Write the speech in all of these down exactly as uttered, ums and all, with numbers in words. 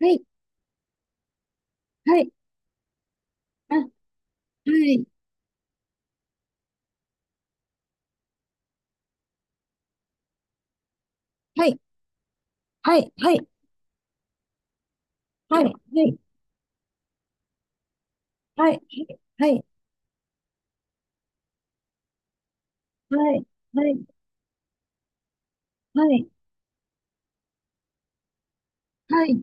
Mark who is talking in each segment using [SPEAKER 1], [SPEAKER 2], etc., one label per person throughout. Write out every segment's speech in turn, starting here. [SPEAKER 1] はい、はい、あ、はい、はい、はい、はい、はい、はい、はい、はい、はい、はい、はい、はい、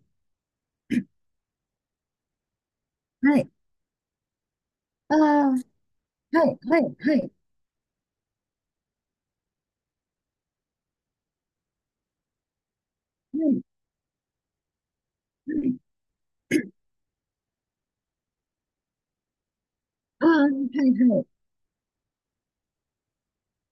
[SPEAKER 1] はい、ああ、はい、はい、はい、はい、はい、ああ、はい、はい。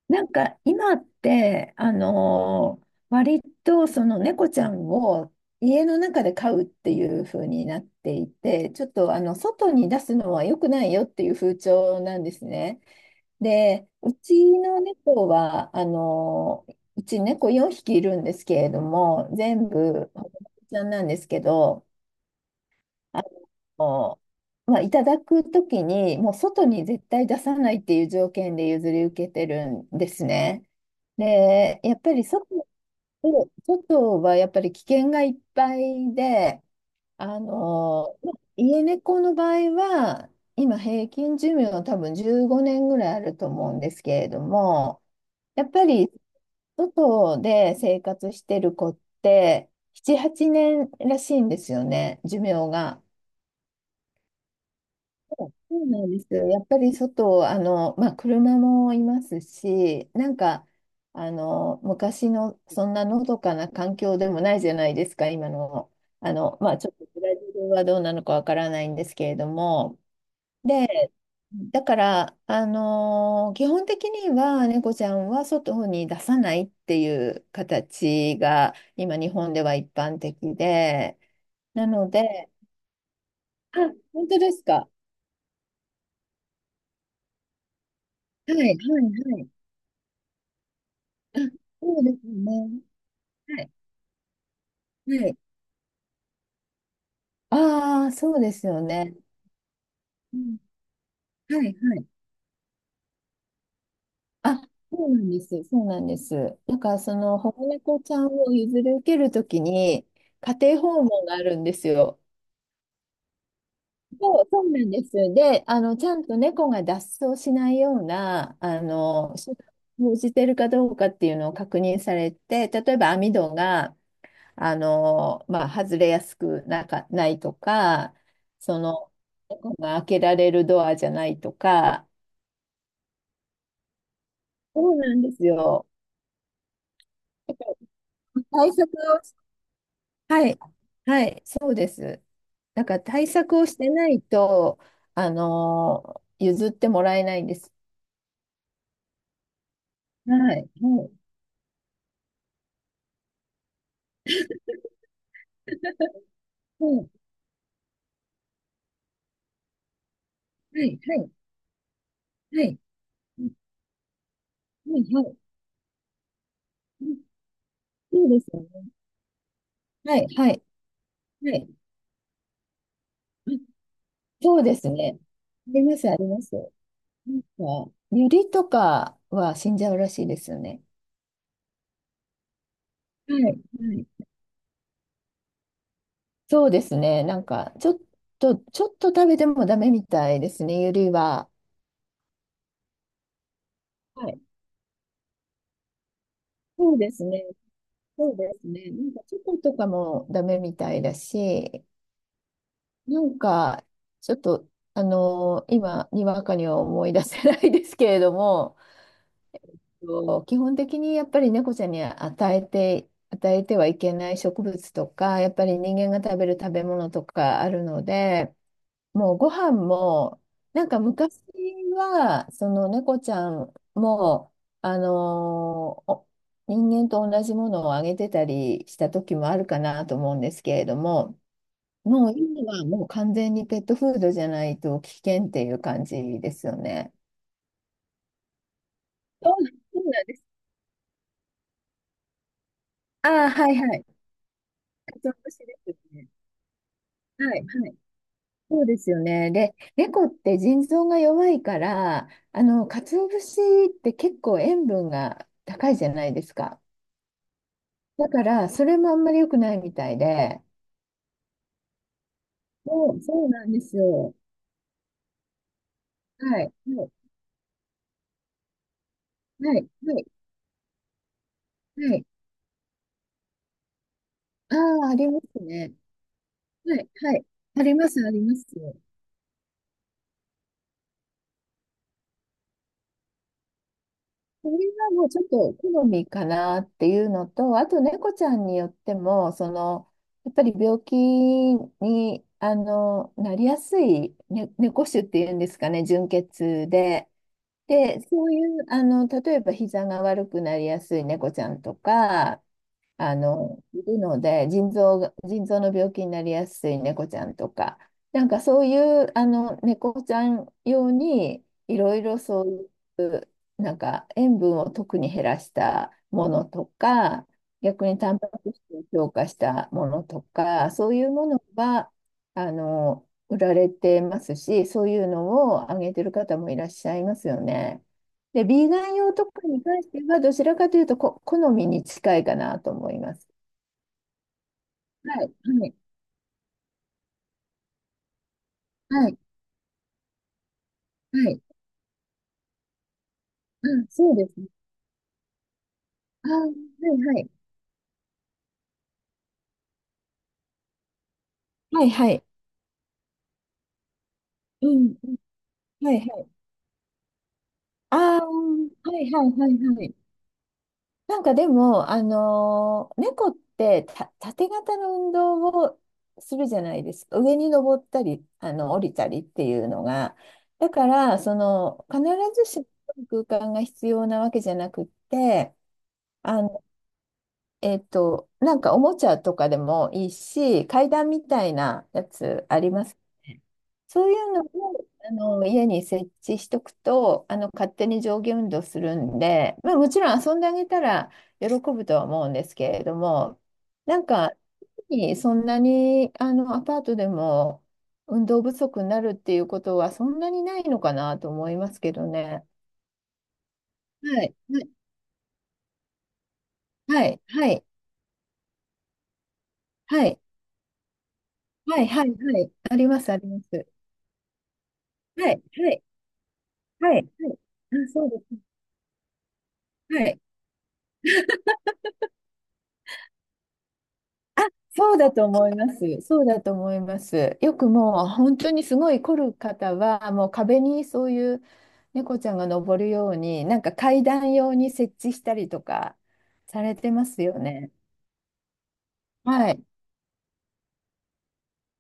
[SPEAKER 1] なんか今って、あのー割とその猫ちゃんを家の中で飼うっていう風になっていて、ちょっとあの外に出すのは良くないよっていう風潮なんですね。で、うちの猫は、あの、うち猫よんひきいるんですけれども、全部、保護猫ちゃんなんですけど、あの、まあ、いただくときに、もう外に絶対出さないっていう条件で譲り受けてるんですね。で、やっぱり外、外はやっぱり危険がいっぱいで、あの、ま家猫の場合は、今平均寿命は多分じゅうごねんぐらいあると思うんですけれども、やっぱり外で生活してる子ってしち、はちねんらしいんですよね、寿命が。そうなんですよ。やっぱり外、あの、まあ、車もいますし、なんか、あの、昔のそんなのどかな環境でもないじゃないですか、今の。あの、まあ、ちょっとブラジルはどうなのかわからないんですけれども、で、だから、あのー基本的には猫ちゃんは外に出さないっていう形が今日本では一般的で、なので、あ、本当ですか。はい、はい、はい。あ、そうですね。はい、はい。ああ、そうですよね。うん、はい、はい。あ、そうなんです。そうなんです。だから、その保護猫ちゃんを譲り受けるときに、家庭訪問があるんですよ。そう、そうなんです。で、あの、ちゃんと猫が脱走しないような、あの、手段を講じてるかどうかっていうのを確認されて、例えば網戸が、あの、まあ、外れやすくなか、ないとか、その、猫が開けられるドアじゃないとか、そうなんですよ。対策をし、はい、はい、そうです。だから対策をしてないと、あの、譲ってもらえないんです。はい、はい、はい。はい、はい、はい。うん、はい、はい。うん、そうですよね。はい、はい、はい。うん、そうですね。あります、あります。なんか、ユリとかは死んじゃうらしいですよね。はい、はい。そうですね。なんか、ちょっと、ちょっと食べてもダメみたいですね、ユリは。はい。そうですね。そうですね。なんか、チョコとかもダメみたいだし、なんか、ちょっと、あのー今、にわかには思い出せないですけれども、と基本的にやっぱり猫ちゃんに与えて、与えてはいけない植物とか、やっぱり人間が食べる食べ物とかあるので、もうご飯も、なんか昔は、その猫ちゃんも、あのーお人間と同じものをあげてたりした時もあるかなと思うんですけれども、もう今はもう完全にペットフードじゃないと危険っていう感じですよね。そうそうなんです。ああ、はい、はい。鰹節ですよね。はい、はい。そうですよね。で、猫って腎臓が弱いから、あの、鰹節って結構塩分が高いじゃないですか。だから、それもあんまり良くないみたいで。そう、そうなんですよ。はい、はい、はい、はい。はい、ああ、ありますね。はい、はい。あります、あります。それはもうちょっと好みかなっていうのと、あと猫ちゃんによっても、その、やっぱり病気に、あの、なりやすい、ね、猫種っていうんですかね、純血で。で、そういう、あの、例えば膝が悪くなりやすい猫ちゃんとか、あの、いるので、腎臓が、腎臓の病気になりやすい猫ちゃんとか、なんかそういう、あの、猫ちゃん用に、いろいろそういう、なんか塩分を特に減らしたものとか、逆にタンパク質を強化したものとか、そういうものが、あの、売られてますし、そういうのをあげてる方もいらっしゃいますよね。で、ビーガン用とかに関しては、どちらかというとこ、好みに近いかなと思います。はい、はい、はい、はい。あ、そうですね。あ、はい、はい。はい、はい。うん、はい、はい。ああ、はい、はい、はい、はい。なんかでも、あのー猫ってた縦型の運動をするじゃないですか。上に登ったり、あの、降りたりっていうのが。だから、その、必ずしも空間が必要なわけじゃなくって、あ、えっと、なんかおもちゃとかでもいいし、階段みたいなやつありますね。そういうのをあの家に設置しとくと、あの勝手に上下運動するんで、まあ、もちろん遊んであげたら喜ぶとは思うんですけれども、なんかそんなにあのアパートでも運動不足になるっていうことはそんなにないのかなと思いますけどね。はい、はい、はい、はい、はい、はい、はい、はい、あります、あります。はい、はい、はい、はい。あ、そうです。はい。そうだと思います。そうだと思います。よくもう本当にすごい凝る方は、もう壁にそういう猫ちゃんが登るように、なんか階段用に設置したりとかされてますよね。はい。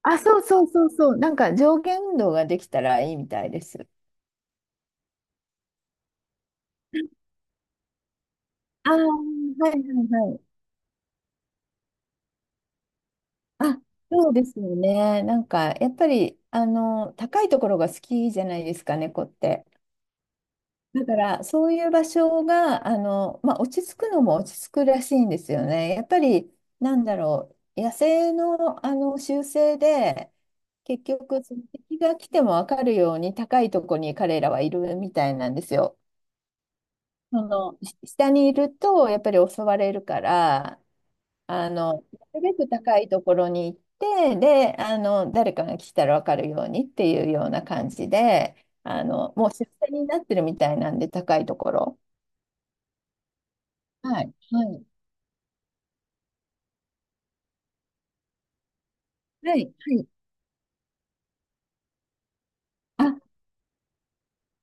[SPEAKER 1] あ、そうそうそうそう。なんか上下運動ができたらいいみたいです。ああ、はい、はい、はい。あ、そうですよね。なんかやっぱり、あの、高いところが好きじゃないですか、猫って。だから、そういう場所が、あの、まあ、落ち着くのも落ち着くらしいんですよね。やっぱり、なんだろう、野生の、あの習性で、結局、その敵が来ても分かるように高いとこに彼らはいるみたいなんですよ。その、し下にいると、やっぱり襲われるから、あの、なるべく高いところに行って、で、あの、誰かが来たら分かるようにっていうような感じで、あの、もう出世になってるみたいなんで、高いところ。はい、はい。はい、はい。あ、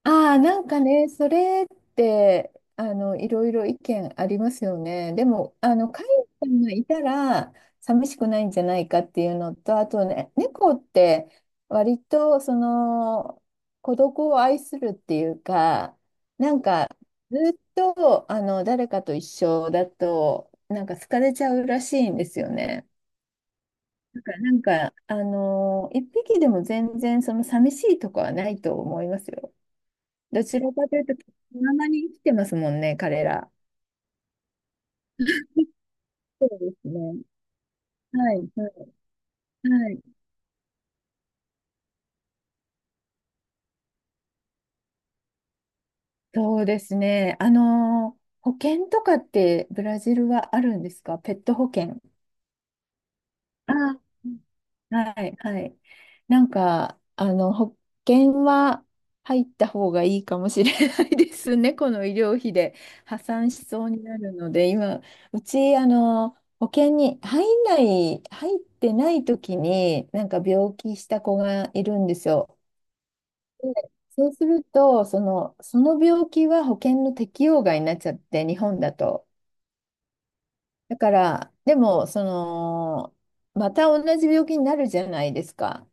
[SPEAKER 1] あー、なんかね、それって、あの、いろいろ意見ありますよね。でも、あの、飼い主さんがいたら、寂しくないんじゃないかっていうのと、あとね、猫って、割と、その、孤独を愛するっていうか、なんか、ずっと、あの、誰かと一緒だと、なんか疲れちゃうらしいんですよね。なんか、あのー一匹でも全然その寂しいとかはないと思いますよ。どちらかというと、気ままに生きてますもんね、彼ら。そうですね。はい、はい、はい。そうですね。あのー保険とかってブラジルはあるんですか、ペット保険。あー、はい、はい。なんか、あの、保険は入った方がいいかもしれないですね。この医療費で破産しそうになるので、今、うち、あの、保険に入んない、入ってない時に、なんか病気した子がいるんですよ。で、そうすると、その、その病気は保険の適用外になっちゃって、日本だと。だから、でも、その、また同じ病気になるじゃないですか。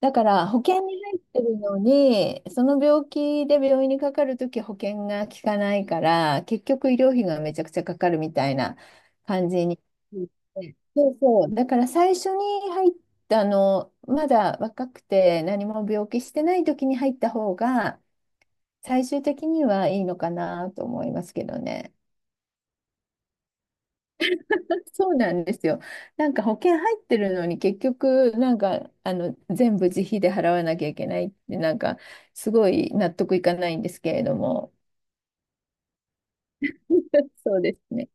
[SPEAKER 1] だから、保険に入ってるのに、その病気で病院にかかるとき保険が効かないから、結局医療費がめちゃくちゃかかるみたいな感じに。そうそう。だから最初に入った、あの、まだ若くて何も病気してないときに入った方が、最終的にはいいのかなと思いますけどね。そうなんですよ。なんか保険入ってるのに結局なんかあの全部自費で払わなきゃいけないってなんかすごい納得いかないんですけれども。そうですね。